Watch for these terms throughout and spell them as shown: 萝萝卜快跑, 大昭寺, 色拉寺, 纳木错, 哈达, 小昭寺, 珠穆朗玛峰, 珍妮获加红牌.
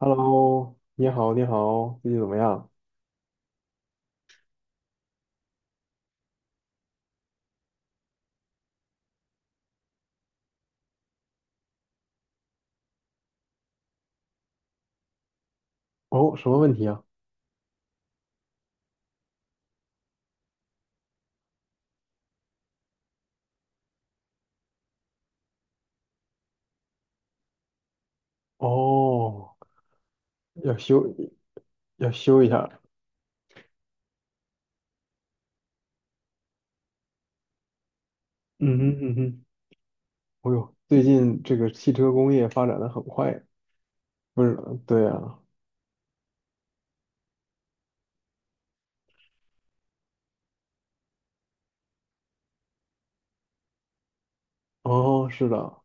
Hello，你好，你好，最近怎么样？哦，什么问题啊？哦，要修，要修一下。嗯哼嗯哼，哦呦，最近这个汽车工业发展的很快，不是？对啊，哦，是的，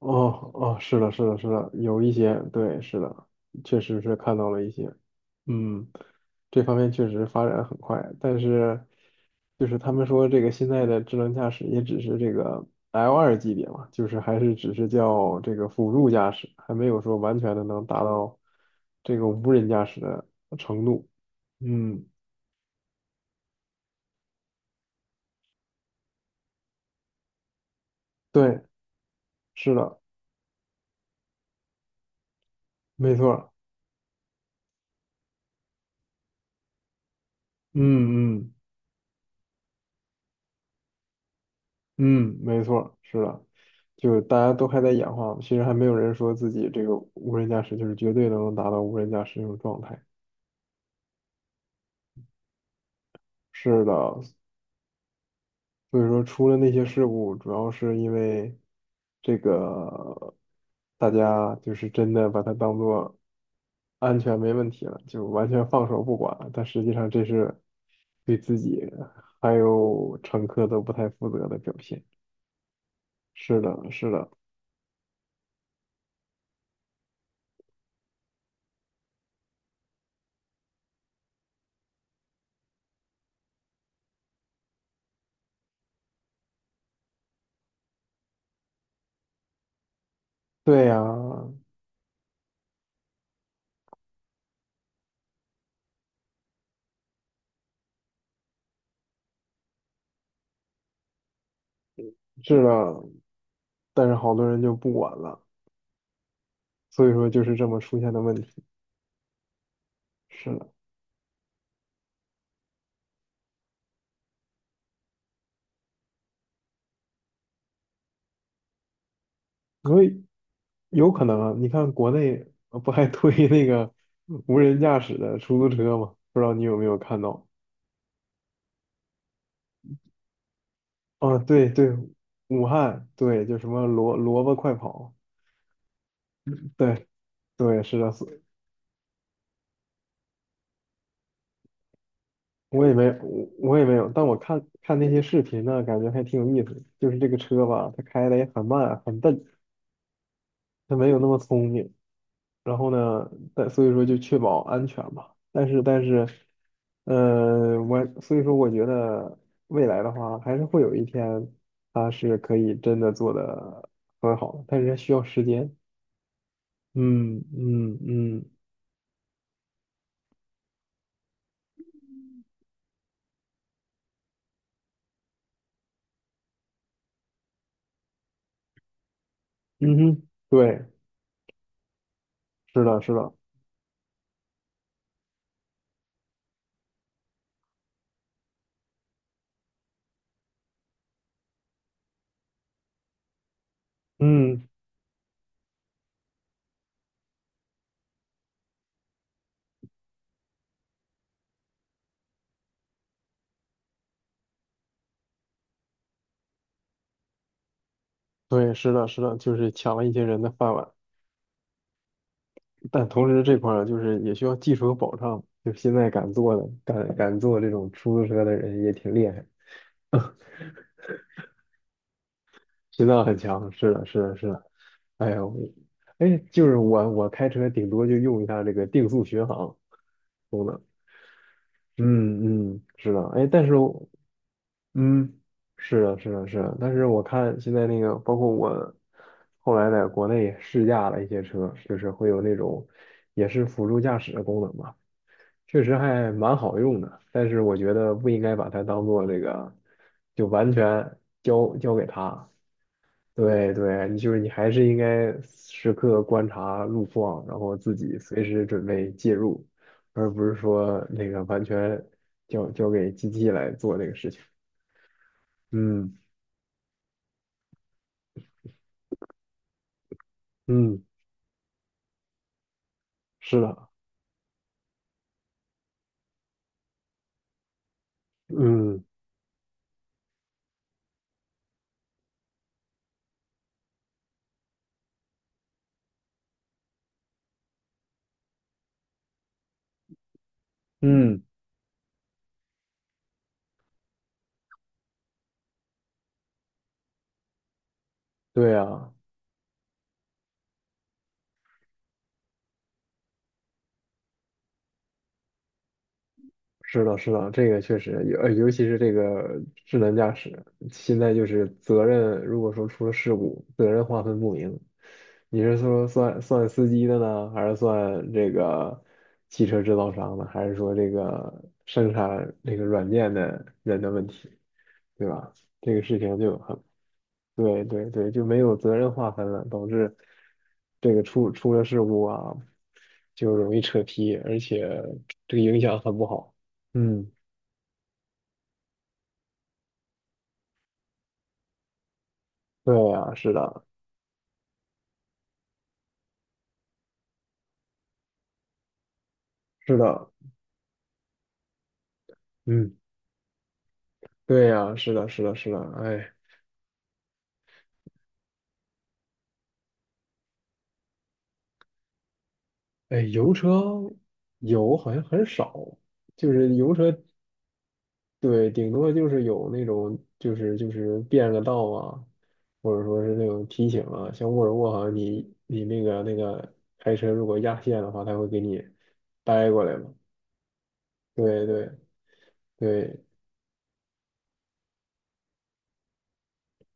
哦哦，是的，是的，是的，有一些，对，是的，确实是看到了一些，嗯，这方面确实发展很快，但是就是他们说这个现在的智能驾驶也只是这个 l 二级别嘛，就是还是只是叫这个辅助驾驶，还没有说完全的能达到这个无人驾驶的程度。嗯，对，是的，没错儿，嗯嗯。嗯，没错是的，就大家都还在演化，其实还没有人说自己这个无人驾驶就是绝对能达到无人驾驶这种状态。是的，所以说出了那些事故，主要是因为这个大家就是真的把它当做安全没问题了，就完全放手不管，但实际上这是对自己还有乘客都不太负责的表现。是的，是的。对呀，是的，但是好多人就不管了，所以说就是这么出现的问题。是的，所以有可能啊，你看国内不还推 那个无人驾驶的出租车吗？不知道你有没有看到？啊，对对，武汉对，就什么萝萝卜快跑，对对，是的，所以我也没我我也没有，但我看看那些视频呢，感觉还挺有意思的就是这个车吧，它开的也很慢很笨，它没有那么聪明。然后呢，但所以说就确保安全吧。但是但是，我所以说我觉得未来的话，还是会有一天它是可以真的做的很好的，但是需要时间。嗯嗯嗯嗯哼，对，是的，是的，嗯，对，是的，是的，就是抢了一些人的饭碗，但同时这块儿就是也需要技术和保障，就现在敢做的，敢做这种出租车的人也挺厉害。心脏很强，是的，是的，是的。哎呦，哎，就是我，我开车顶多就用一下这个定速巡航。嗯嗯，是的，哎，但是我嗯，是的，是的，是的。但是我看现在那个，包括我后来在国内试驾了一些车，就是会有那种也是辅助驾驶的功能吧，确实还蛮好用的。但是我觉得不应该把它当做这个，就完全交给它，对对，你就是你还是应该时刻观察路况，然后自己随时准备介入，而不是说那个完全交给机器来做这个事情。嗯嗯，是的，嗯嗯，对啊，是的，是的，这个确实，尤其是这个智能驾驶，现在就是责任，如果说出了事故，责任划分不明，你是说算司机的呢，还是算这个汽车制造商的，还是说这个生产这个软件的人的问题，对吧？这个事情就很对对对，就没有责任划分了，导致这个出了事故啊，就容易扯皮，而且这个影响很不好。嗯，对呀，是的，是的，嗯，对呀，是的，是的，是的，哎哎，油车油好像很少，就是油车对，顶多就是有那种，就是就是变个道啊，或者说是那种提醒啊，像沃尔沃好像你你那个那个开车如果压线的话，它会给你掰过来嘛。对对对，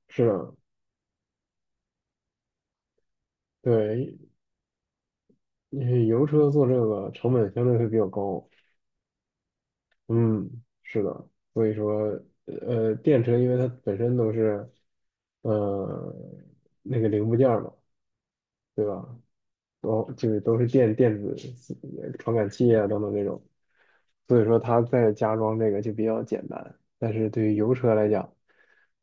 是的，对，因为油车做这个成本相对会比较高。嗯，是的，所以说电车因为它本身都是呃那个零部件儿嘛，对吧？都就是都是电电子传感器啊等等这种，所以说它在加装这个就比较简单。但是对于油车来讲，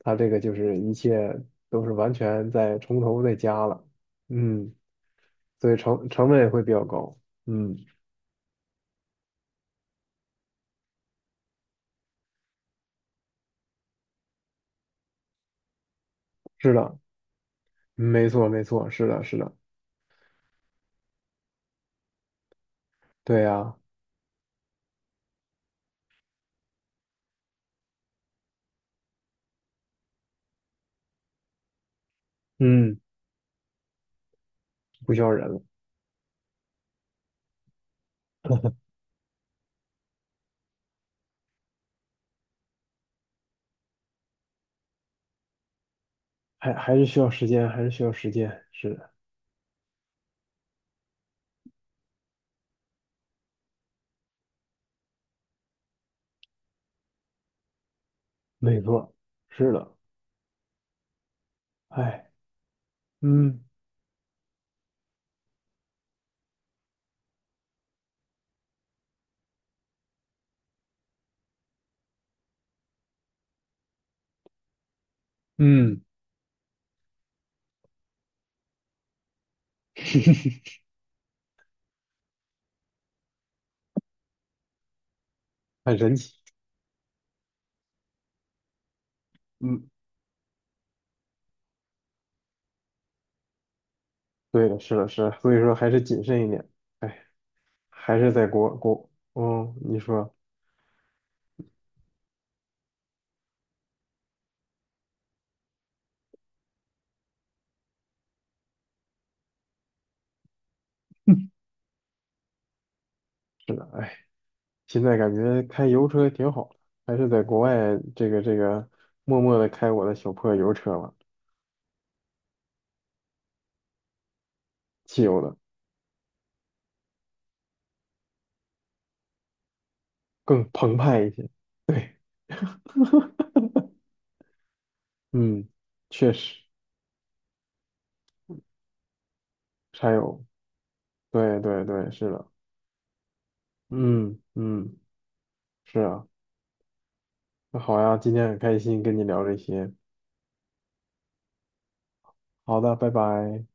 它这个就是一切都是完全在从头再加了，嗯，所以成本也会比较高，嗯，是的，没错没错，是的是的，对呀，嗯，不需要人了，还还是需要时间，还是需要时间，是的，没错，是的，哎，嗯嗯，很神奇。嗯。对的，是的，是的，所以说还是谨慎一点。哎，还是在国国，嗯，你说是的，哎，现在感觉开油车挺好的，还是在国外这个这个默默的开我的小破油车吧，汽油的更澎湃一些。对，嗯，确实，柴油，对对对，是的，嗯嗯，是啊，那好呀，今天很开心跟你聊这些，好的，拜拜。